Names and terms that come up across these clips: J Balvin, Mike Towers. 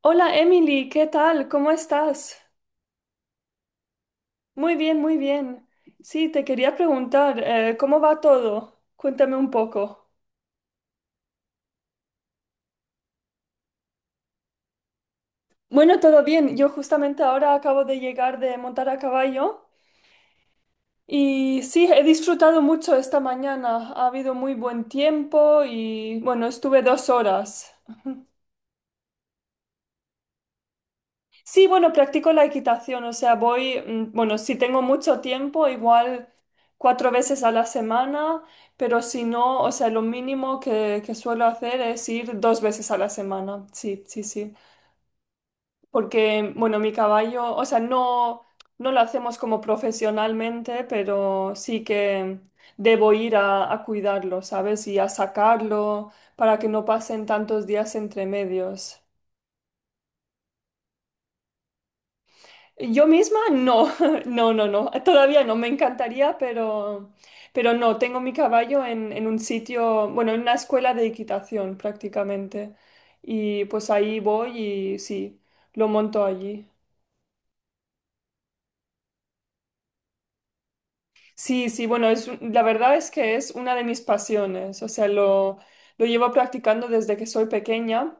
Hola Emily, ¿qué tal? ¿Cómo estás? Muy bien, muy bien. Sí, te quería preguntar, ¿cómo va todo? Cuéntame un poco. Bueno, todo bien. Yo justamente ahora acabo de llegar de montar a caballo y sí, he disfrutado mucho esta mañana. Ha habido muy buen tiempo y bueno, estuve 2 horas. Sí, bueno, practico la equitación, o sea, voy, bueno, si tengo mucho tiempo, igual 4 veces a la semana, pero si no, o sea, lo mínimo que suelo hacer es ir 2 veces a la semana, sí, sí, sí, porque, bueno, mi caballo, o sea, no, no lo hacemos como profesionalmente, pero sí que debo ir a cuidarlo, ¿sabes? Y a sacarlo para que no pasen tantos días entre medios. Yo misma no, no, no, no, todavía no, me encantaría, pero no, tengo mi caballo en un sitio, bueno, en una escuela de equitación prácticamente. Y pues ahí voy y sí, lo monto allí. Sí, sí, bueno, la verdad es que es una de mis pasiones, o sea, lo llevo practicando desde que soy pequeña.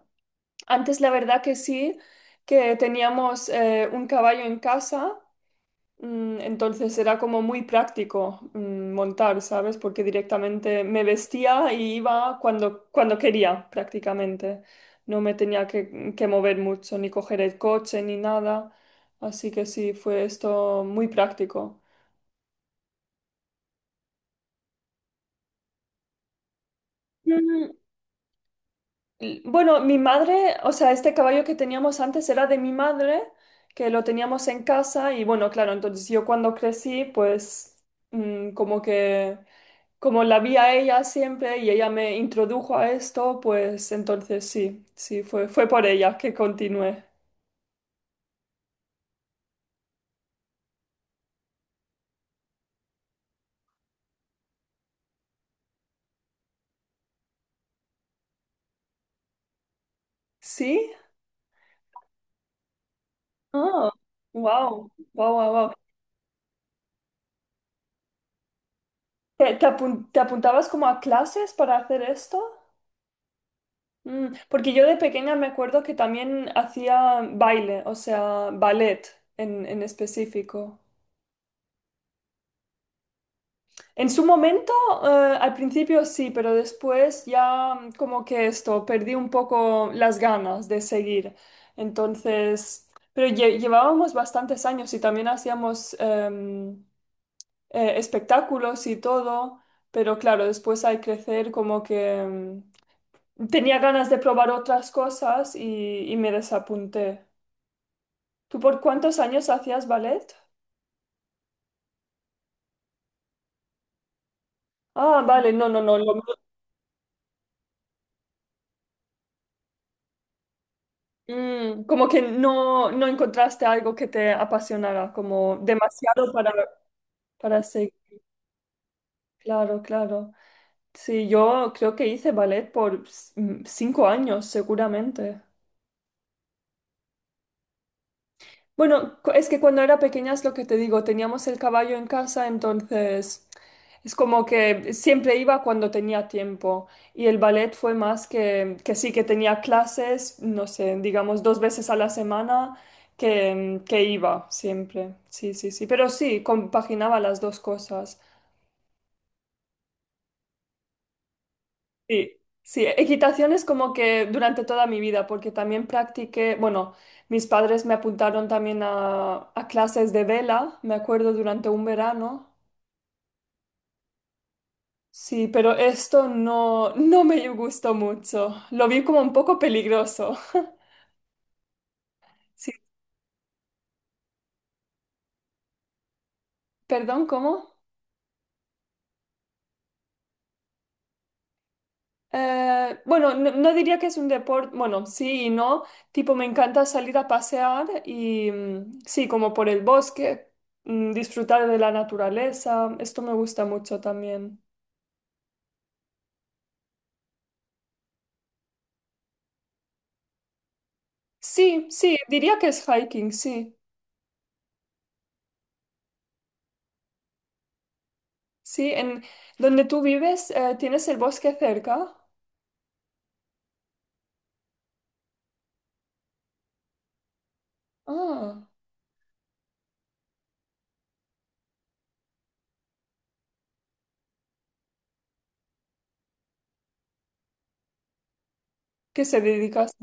Antes la verdad que sí, que teníamos un caballo en casa. Mm. Entonces era como muy práctico, montar, ¿sabes? Porque directamente me vestía y iba cuando quería, prácticamente. No me tenía que mover mucho, ni coger el coche, ni nada. Así que sí, fue esto muy práctico. Bueno, mi madre, o sea, este caballo que teníamos antes era de mi madre, que lo teníamos en casa y bueno, claro, entonces yo cuando crecí, pues mm, como que, como la vi a ella siempre y ella me introdujo a esto, pues entonces sí, sí, fue por ella que continué. ¿Sí? Ah, wow, wow, wow, wow. Te apuntabas como a clases para hacer esto? Mm, porque yo de pequeña me acuerdo que también hacía baile, o sea, ballet en específico. En su momento, al principio sí, pero después ya, como que esto, perdí un poco las ganas de seguir. Entonces, pero llevábamos bastantes años y también hacíamos espectáculos y todo, pero claro, después al crecer como que, tenía ganas de probar otras cosas y me desapunté. ¿Tú por cuántos años hacías ballet? Ah, vale, no, no, no. Lo mío. Mm, como que no, no encontraste algo que te apasionara, como demasiado para seguir. Claro, claro. Sí, yo creo que hice ballet por 5 años, seguramente. Bueno, es que cuando era pequeña es lo que te digo, teníamos el caballo en casa, entonces es como que siempre iba cuando tenía tiempo. Y el ballet fue más que sí, que tenía clases, no sé, digamos 2 veces a la semana que iba siempre. Sí, sí, sí. Pero sí, compaginaba las dos cosas. Sí, sí, equitación es como que durante toda mi vida, porque también practiqué, bueno, mis padres me apuntaron también a clases de vela, me acuerdo, durante un verano. Sí, pero esto no, no me gustó mucho. Lo vi como un poco peligroso. Sí, perdón, ¿cómo? Bueno, no, no diría que es un deporte, bueno, sí y no, tipo me encanta salir a pasear y, sí, como por el bosque, disfrutar de la naturaleza, esto me gusta mucho también. Sí, sí, diría que es hiking, sí, sí, en donde tú vives, ¿tienes el bosque cerca? Ah, ¿qué se dedicas?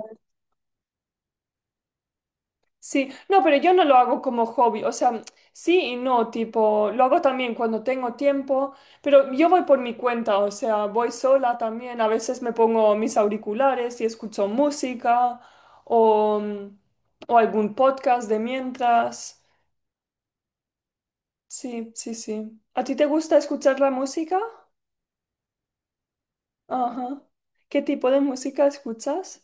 Sí, no, pero yo no lo hago como hobby, o sea, sí y no, tipo, lo hago también cuando tengo tiempo, pero yo voy por mi cuenta, o sea, voy sola también, a veces me pongo mis auriculares y escucho música o, o algún podcast de mientras. Sí, sí, sí. ¿A ti te gusta escuchar la música? Ajá. ¿Qué tipo de música escuchas?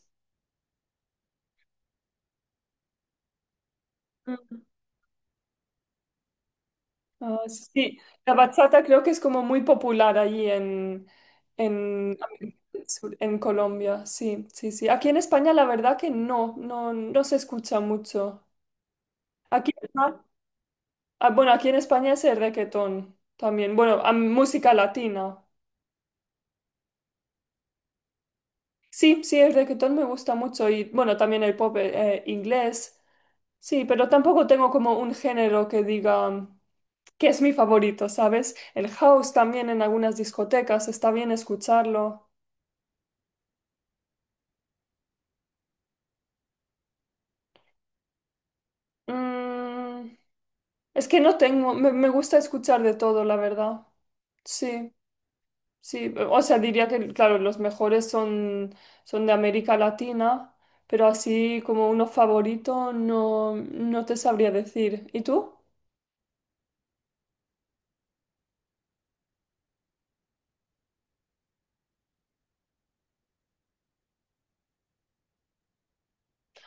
Ah, sí, sí. la bachata creo que es como muy popular allí en América del Sur, en Colombia. Sí, sí, sí. Aquí en España la verdad que no, no, no se escucha mucho. Aquí, ah, ah, bueno, aquí en España es el reggaetón también. Bueno, ah, música latina. Sí, sí, el reggaetón me gusta mucho y bueno, también el pop inglés. Sí, pero tampoco tengo como un género que diga que es mi favorito, ¿sabes? El house también en algunas discotecas está bien escucharlo. Mm, es que no tengo, me gusta escuchar de todo, la verdad. Sí, sí, o sea, diría que, claro, son de América Latina, pero así como uno favorito no, no te sabría decir. ¿Y tú?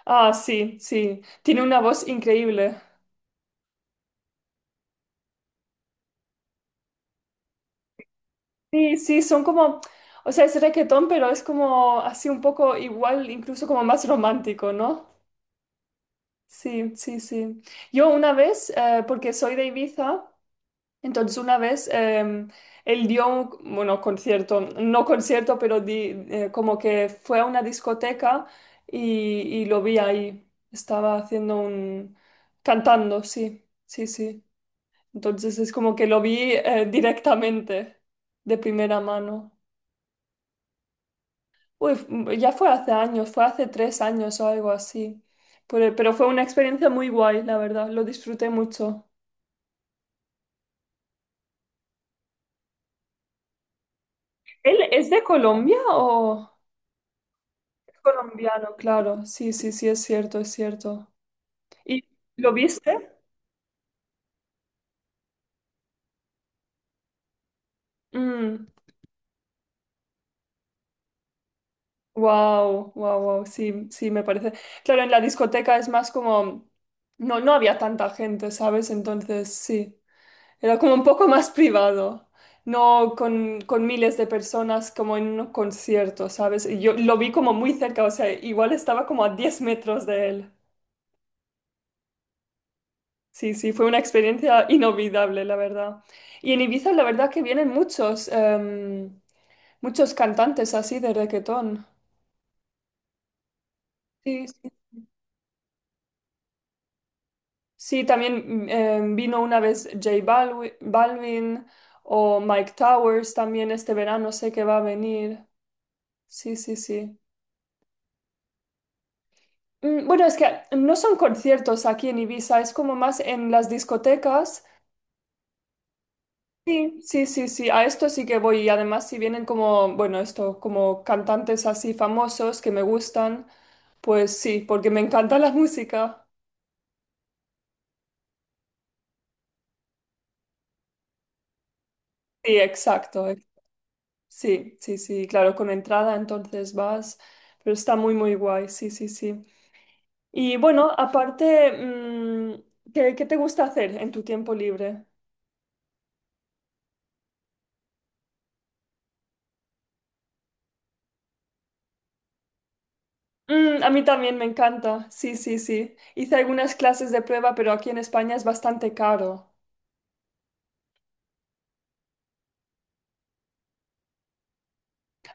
Ah, sí, sí, tiene una voz increíble. Sí, sí, son como, o sea, es reggaetón, pero es como así un poco igual, incluso como más romántico, ¿no? Sí, sí, sí. Yo una vez, porque soy de Ibiza, entonces una vez, él dio un, bueno, concierto, no concierto, pero como que fue a una discoteca y lo vi ahí. Estaba haciendo un... cantando, sí, sí, sí. Entonces es como que lo vi, directamente, de primera mano. Uy, ya fue hace años, fue hace 3 años o algo así. Pero fue una experiencia muy guay, la verdad, lo disfruté mucho. ¿Él es de Colombia o...? Colombiano, claro. Sí, sí, sí, es cierto, es cierto. ¿Y lo viste? Mm, wow, wow, wow. Sí, sí, me parece. Claro, en la discoteca es más como. No, no había tanta gente, ¿sabes? Entonces, sí. Era como un poco más privado. No con miles de personas como en un concierto, ¿sabes? Y yo lo vi como muy cerca, o sea, igual estaba como a 10 metros de él. Sí, sí, fue una experiencia inolvidable, la verdad. Y en Ibiza, la verdad que vienen muchos, muchos cantantes así de reggaetón. Sí, sí. Sí, también vino una vez J Balvin, o Mike Towers también este verano, sé que va a venir. Sí, sí, sí. Bueno, es que no son conciertos aquí en Ibiza, es como más en las discotecas. Sí, sí, sí, sí, a esto sí que voy y además si vienen como, bueno, esto, como cantantes así famosos que me gustan, pues sí, porque me encanta la música. Sí, exacto, sí, sí, sí, claro, con entrada entonces vas, pero está muy, muy guay, sí, sí, sí. Y bueno, aparte, ¿qué te gusta hacer en tu tiempo libre? Mm, a mí también me encanta, sí, sí, sí. Hice algunas clases de prueba, pero aquí en España es bastante caro.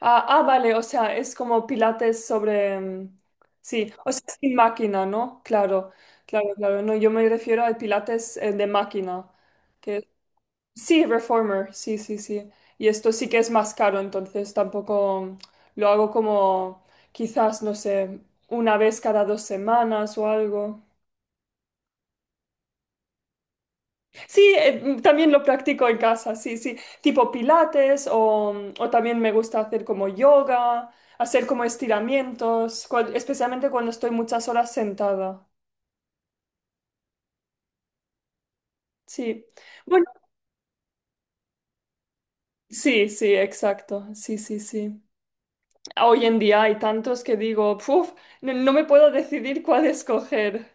Ah, ah, vale, o sea, es como pilates sobre... sí, o sea, sin máquina, ¿no? Claro, claro, claro. No, yo me refiero al pilates, de máquina. Que... sí, reformer, sí, sí, sí. Y esto sí que es más caro, entonces tampoco, lo hago como quizás, no sé, una vez cada 2 semanas o algo. Sí, también lo practico en casa, sí, sí, tipo pilates o también me gusta hacer como yoga, hacer como estiramientos, especialmente cuando estoy muchas horas sentada. Sí, bueno, sí, sí, exacto, sí, sí, sí. Hoy en día hay tantos que digo, "Puf, no, no me puedo decidir cuál escoger.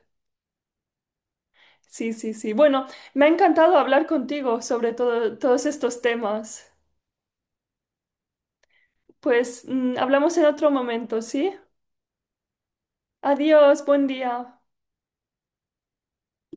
Sí, sí, sí. Bueno, me ha encantado hablar contigo sobre todo, todos estos temas. Pues hablamos en otro momento, ¿sí? Adiós, buen día.